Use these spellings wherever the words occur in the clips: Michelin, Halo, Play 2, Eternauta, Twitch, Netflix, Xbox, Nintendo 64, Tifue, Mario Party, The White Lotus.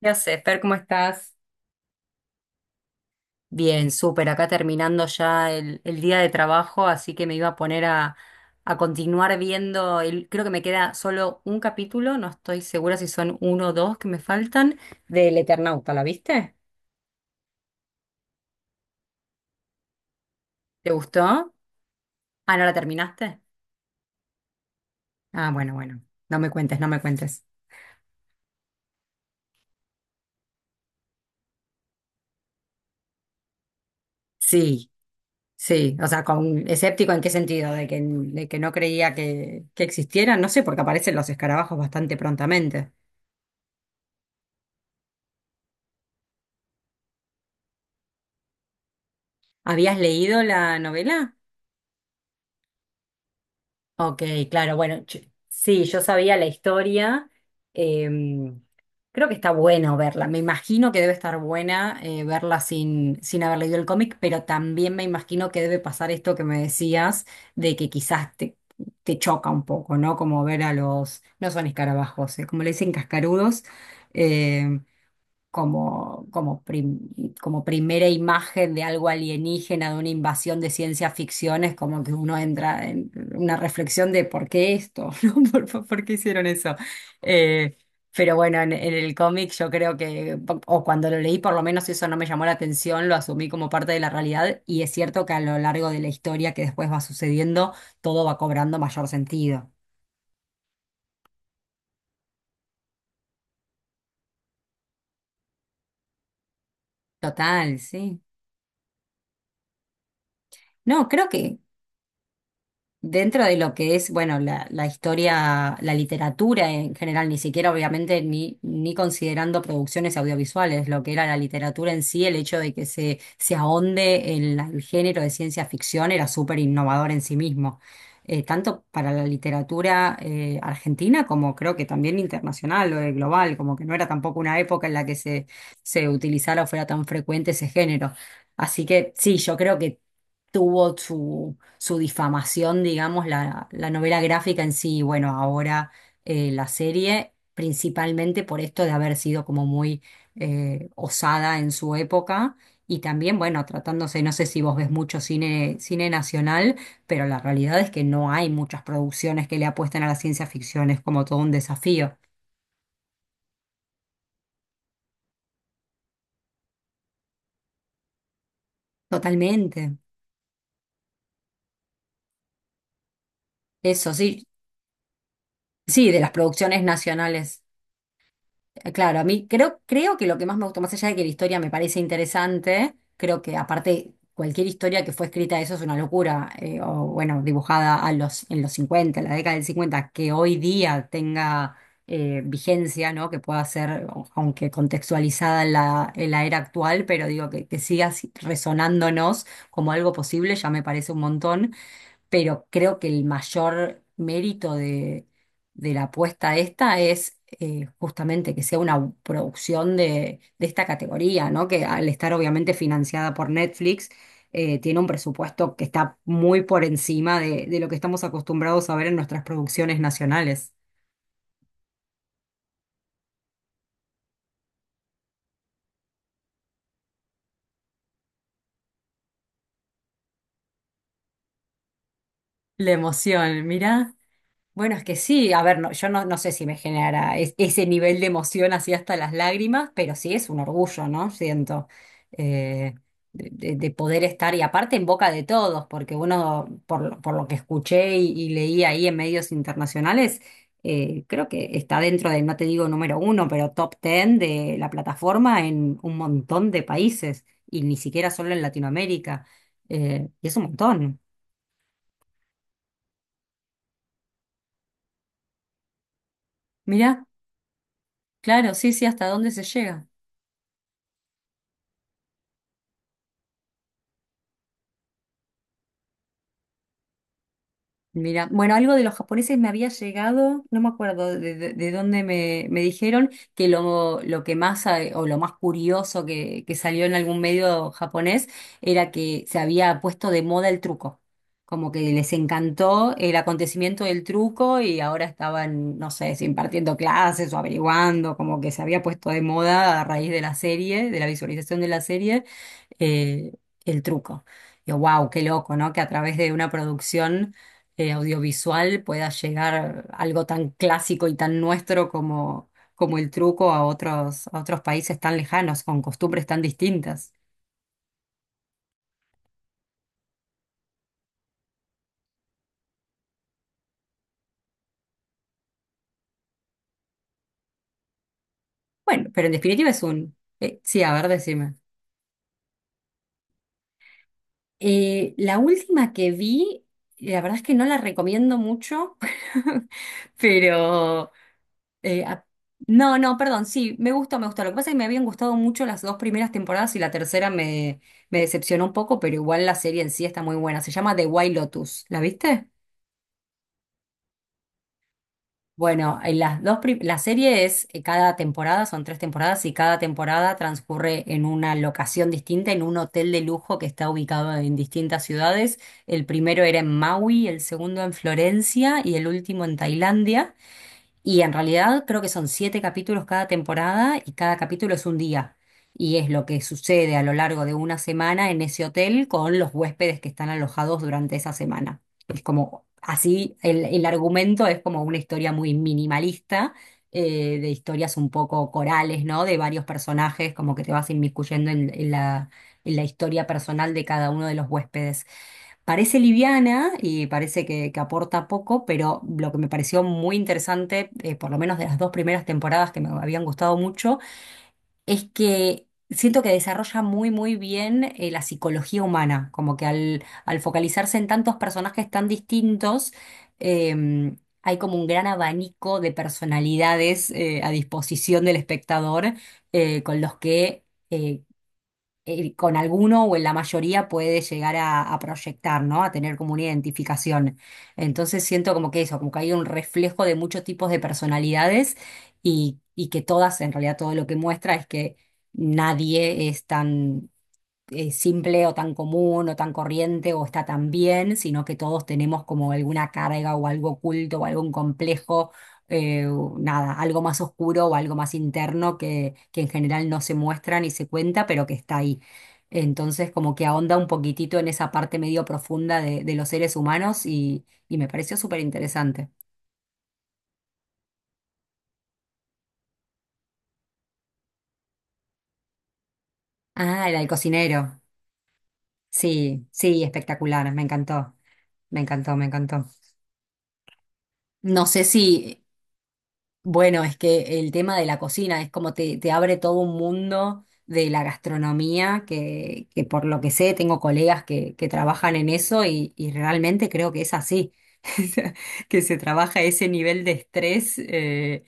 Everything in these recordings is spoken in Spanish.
Ya sé, Fer, ¿cómo estás? Bien, súper, acá terminando ya el día de trabajo, así que me iba a poner a continuar viendo, el, creo que me queda solo un capítulo, no estoy segura si son uno o dos que me faltan, del Eternauta, ¿la viste? ¿Te gustó? Ah, ¿no la terminaste? Ah, bueno, bueno, no me cuentes, no me cuentes. Sí, sí, o sea, con, escéptico en qué sentido, de que no creía que existieran, no sé, porque aparecen los escarabajos bastante prontamente. ¿Habías leído la novela? Ok, claro, bueno, yo- sí, yo sabía la historia. em, Creo que está bueno verla. Me imagino que debe estar buena verla sin, sin haber leído el cómic, pero también me imagino que debe pasar esto que me decías, de que quizás te, te choca un poco, ¿no? Como ver a los, no son escarabajos, como le dicen cascarudos, em, como, como, prim- como primera imagen de algo alienígena, de una invasión de ciencia ficción, es como que uno entra en una reflexión de por qué esto, ¿no? Por qué hicieron eso? Eh, pero bueno, en el cómic yo creo que, o cuando lo leí por lo menos eso no me llamó la atención, lo asumí como parte de la realidad y es cierto que a lo largo de la historia que después va sucediendo, todo va cobrando mayor sentido. Total, sí. No, creo que, dentro de lo que es, bueno, la historia, la literatura en general, ni siquiera obviamente ni, ni considerando producciones audiovisuales, lo que era la literatura en sí, el hecho de que se ahonde en la- el género de ciencia ficción era súper innovador en sí mismo, tanto para la literatura argentina como creo que también internacional o global, como que no era tampoco una época en la que se utilizara o fuera tan frecuente ese género. Así que sí, yo creo que tuvo su, su difamación, digamos, la novela gráfica en sí, y bueno, ahora la serie, principalmente por esto de haber sido como muy osada en su época. Y también, bueno, tratándose, no sé si vos ves mucho cine, cine nacional, pero la realidad es que no hay muchas producciones que le apuesten a la ciencia ficción, es como todo un desafío. Totalmente. Eso sí, sí, de las producciones nacionales. Claro, a mí creo, creo que lo que más me gustó, más allá de que la historia me parece interesante, creo que aparte cualquier historia que fue escrita eso es una locura, o bueno, dibujada a los, en los 50, en la década del 50 que hoy día tenga vigencia, ¿no? Que pueda ser, o- aunque contextualizada en la era actual, pero digo que siga si- resonándonos como algo posible, ya me parece un montón, pero creo que el mayor mérito de la apuesta esta es justamente que sea una producción de esta categoría, ¿no? Que al estar obviamente financiada por Netflix, tiene un presupuesto que está muy por encima de lo que estamos acostumbrados a ver en nuestras producciones nacionales. La emoción, mirá. Bueno, es que sí, a ver, no, yo no, no sé si me generará es- ese nivel de emoción así hasta las lágrimas, pero sí es un orgullo, ¿no? Siento, eh, de poder estar y aparte en boca de todos, porque uno, por lo que escuché y leí ahí en medios internacionales, creo que está dentro de, no te digo número uno, pero top ten de la plataforma en un montón de países y ni siquiera solo en Latinoamérica. Y es un montón. Mirá, claro, sí, sí, hasta dónde se llega. Mira, bueno, algo de los japoneses me había llegado, no me acuerdo de dónde me, me dijeron que lo que más o lo más curioso que salió en algún medio japonés era que se había puesto de moda el truco, como que les encantó el acontecimiento del truco y ahora estaban, no sé, si impartiendo clases o averiguando, como que se había puesto de moda a raíz de la serie, de la visualización de la serie, eh, el truco. Yo, wow, qué loco, ¿no? Que a través de una producción audiovisual pueda llegar algo tan clásico y tan nuestro como, como el truco a otros países tan lejanos, con costumbres tan distintas. Bueno, pero en definitiva es un... sí, a ver, decime. La última que vi, la verdad es que no la recomiendo mucho, pero... A- no, no, perdón, sí, me gustó, me gustó. Lo que pasa es que me habían gustado mucho las dos primeras temporadas y la tercera me, me decepcionó un poco, pero igual la serie en sí está muy buena. Se llama The White Lotus, ¿la viste? Bueno, en las dos prim- la serie es cada temporada, son tres temporadas y cada temporada transcurre en una locación distinta, en un hotel de lujo que está ubicado en distintas ciudades. El primero era en Maui, el segundo en Florencia y el último en Tailandia. Y en realidad creo que son siete capítulos cada temporada y cada capítulo es un día. Y es lo que sucede a lo largo de una semana en ese hotel con los huéspedes que están alojados durante esa semana. Es como, así, el argumento es como una historia muy minimalista, de historias un poco corales, ¿no? De varios personajes, como que te vas inmiscuyendo en la, en la historia personal de cada uno de los huéspedes. Parece liviana y parece que aporta poco, pero lo que me pareció muy interesante, por lo menos de las dos primeras temporadas que me habían gustado mucho, es que siento que desarrolla muy, muy bien la psicología humana, como que al, al focalizarse en tantos personajes tan distintos, eh, hay como un gran abanico de personalidades a disposición del espectador con los que... eh, con alguno o en la mayoría puede llegar a proyectar, ¿no? A tener como una identificación. Entonces siento como que eso, como que hay un reflejo de muchos tipos de personalidades y que todas, en realidad todo lo que muestra es que nadie es tan simple o tan común o tan corriente o está tan bien, sino que todos tenemos como alguna carga o algo oculto o algún complejo, o nada, algo más oscuro o algo más interno que en general no se muestra ni se cuenta, pero que está ahí. Entonces, como que ahonda un poquitito en esa parte medio profunda de los seres humanos y me pareció súper interesante. Ah, el del cocinero. Sí, sí, espectacular, me encantó, me encantó, me encantó. No sé si bueno, es que el tema de la cocina es como te abre todo un mundo de la gastronomía, que por lo que sé tengo colegas que trabajan en eso y realmente creo que es así. sea, que se trabaja ese nivel de estrés eh,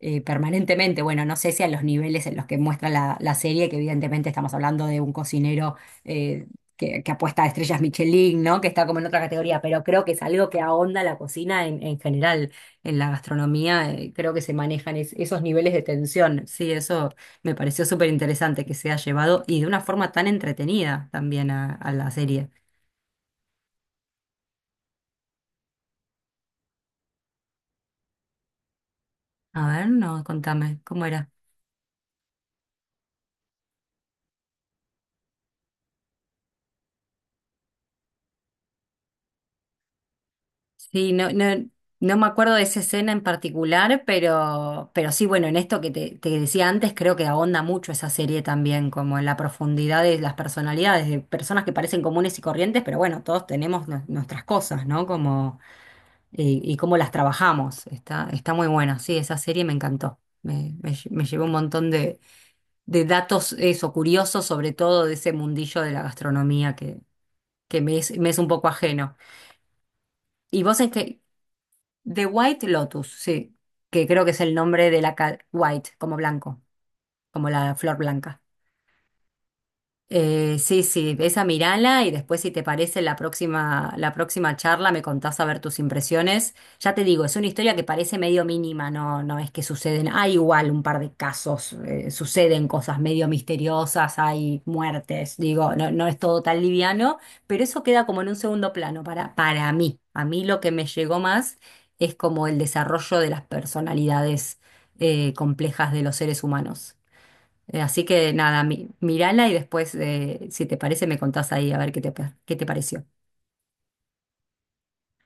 eh, permanentemente. Bueno, no sé si a los niveles en los que muestra la, la serie, que evidentemente estamos hablando de un cocinero eh, que apuesta a estrellas Michelin, ¿no? Que está como en otra categoría, pero creo que es algo que ahonda la cocina en general, en la gastronomía, creo que se manejan es- esos niveles de tensión. Sí, eso me pareció súper interesante que se ha llevado y de una forma tan entretenida también a la serie. A ver, no, contame, ¿cómo era? Sí, no, no, no me acuerdo de esa escena en particular, pero sí, bueno, en esto que te decía antes, creo que ahonda mucho esa serie también, como en la profundidad de las personalidades, de personas que parecen comunes y corrientes, pero bueno, todos tenemos nu- nuestras cosas, ¿no? Como, y cómo las trabajamos. Está, está muy buena, sí, esa serie me encantó. Me, lle- me llevó un montón de datos, eso, curiosos, sobre todo de ese mundillo de la gastronomía que me es un poco ajeno. ¿Y vos en qué, The White Lotus, sí, que creo que es el nombre de la ca- White, como blanco, como la flor blanca. Sí, sí, esa mirala y después si te parece la próxima charla me contás a ver tus impresiones. Ya te digo, es una historia que parece medio mínima, no, no es que suceden, hay igual un par de casos, suceden cosas medio misteriosas, hay muertes, digo, no, no es todo tan liviano, pero eso queda como en un segundo plano para mí. A mí lo que me llegó más es como el desarrollo de las personalidades, complejas de los seres humanos. Así que nada, mi- mírala y después, si te parece, me contás ahí a ver qué te pareció.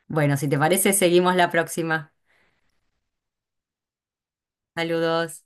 Bueno, si te parece, seguimos la próxima. Saludos.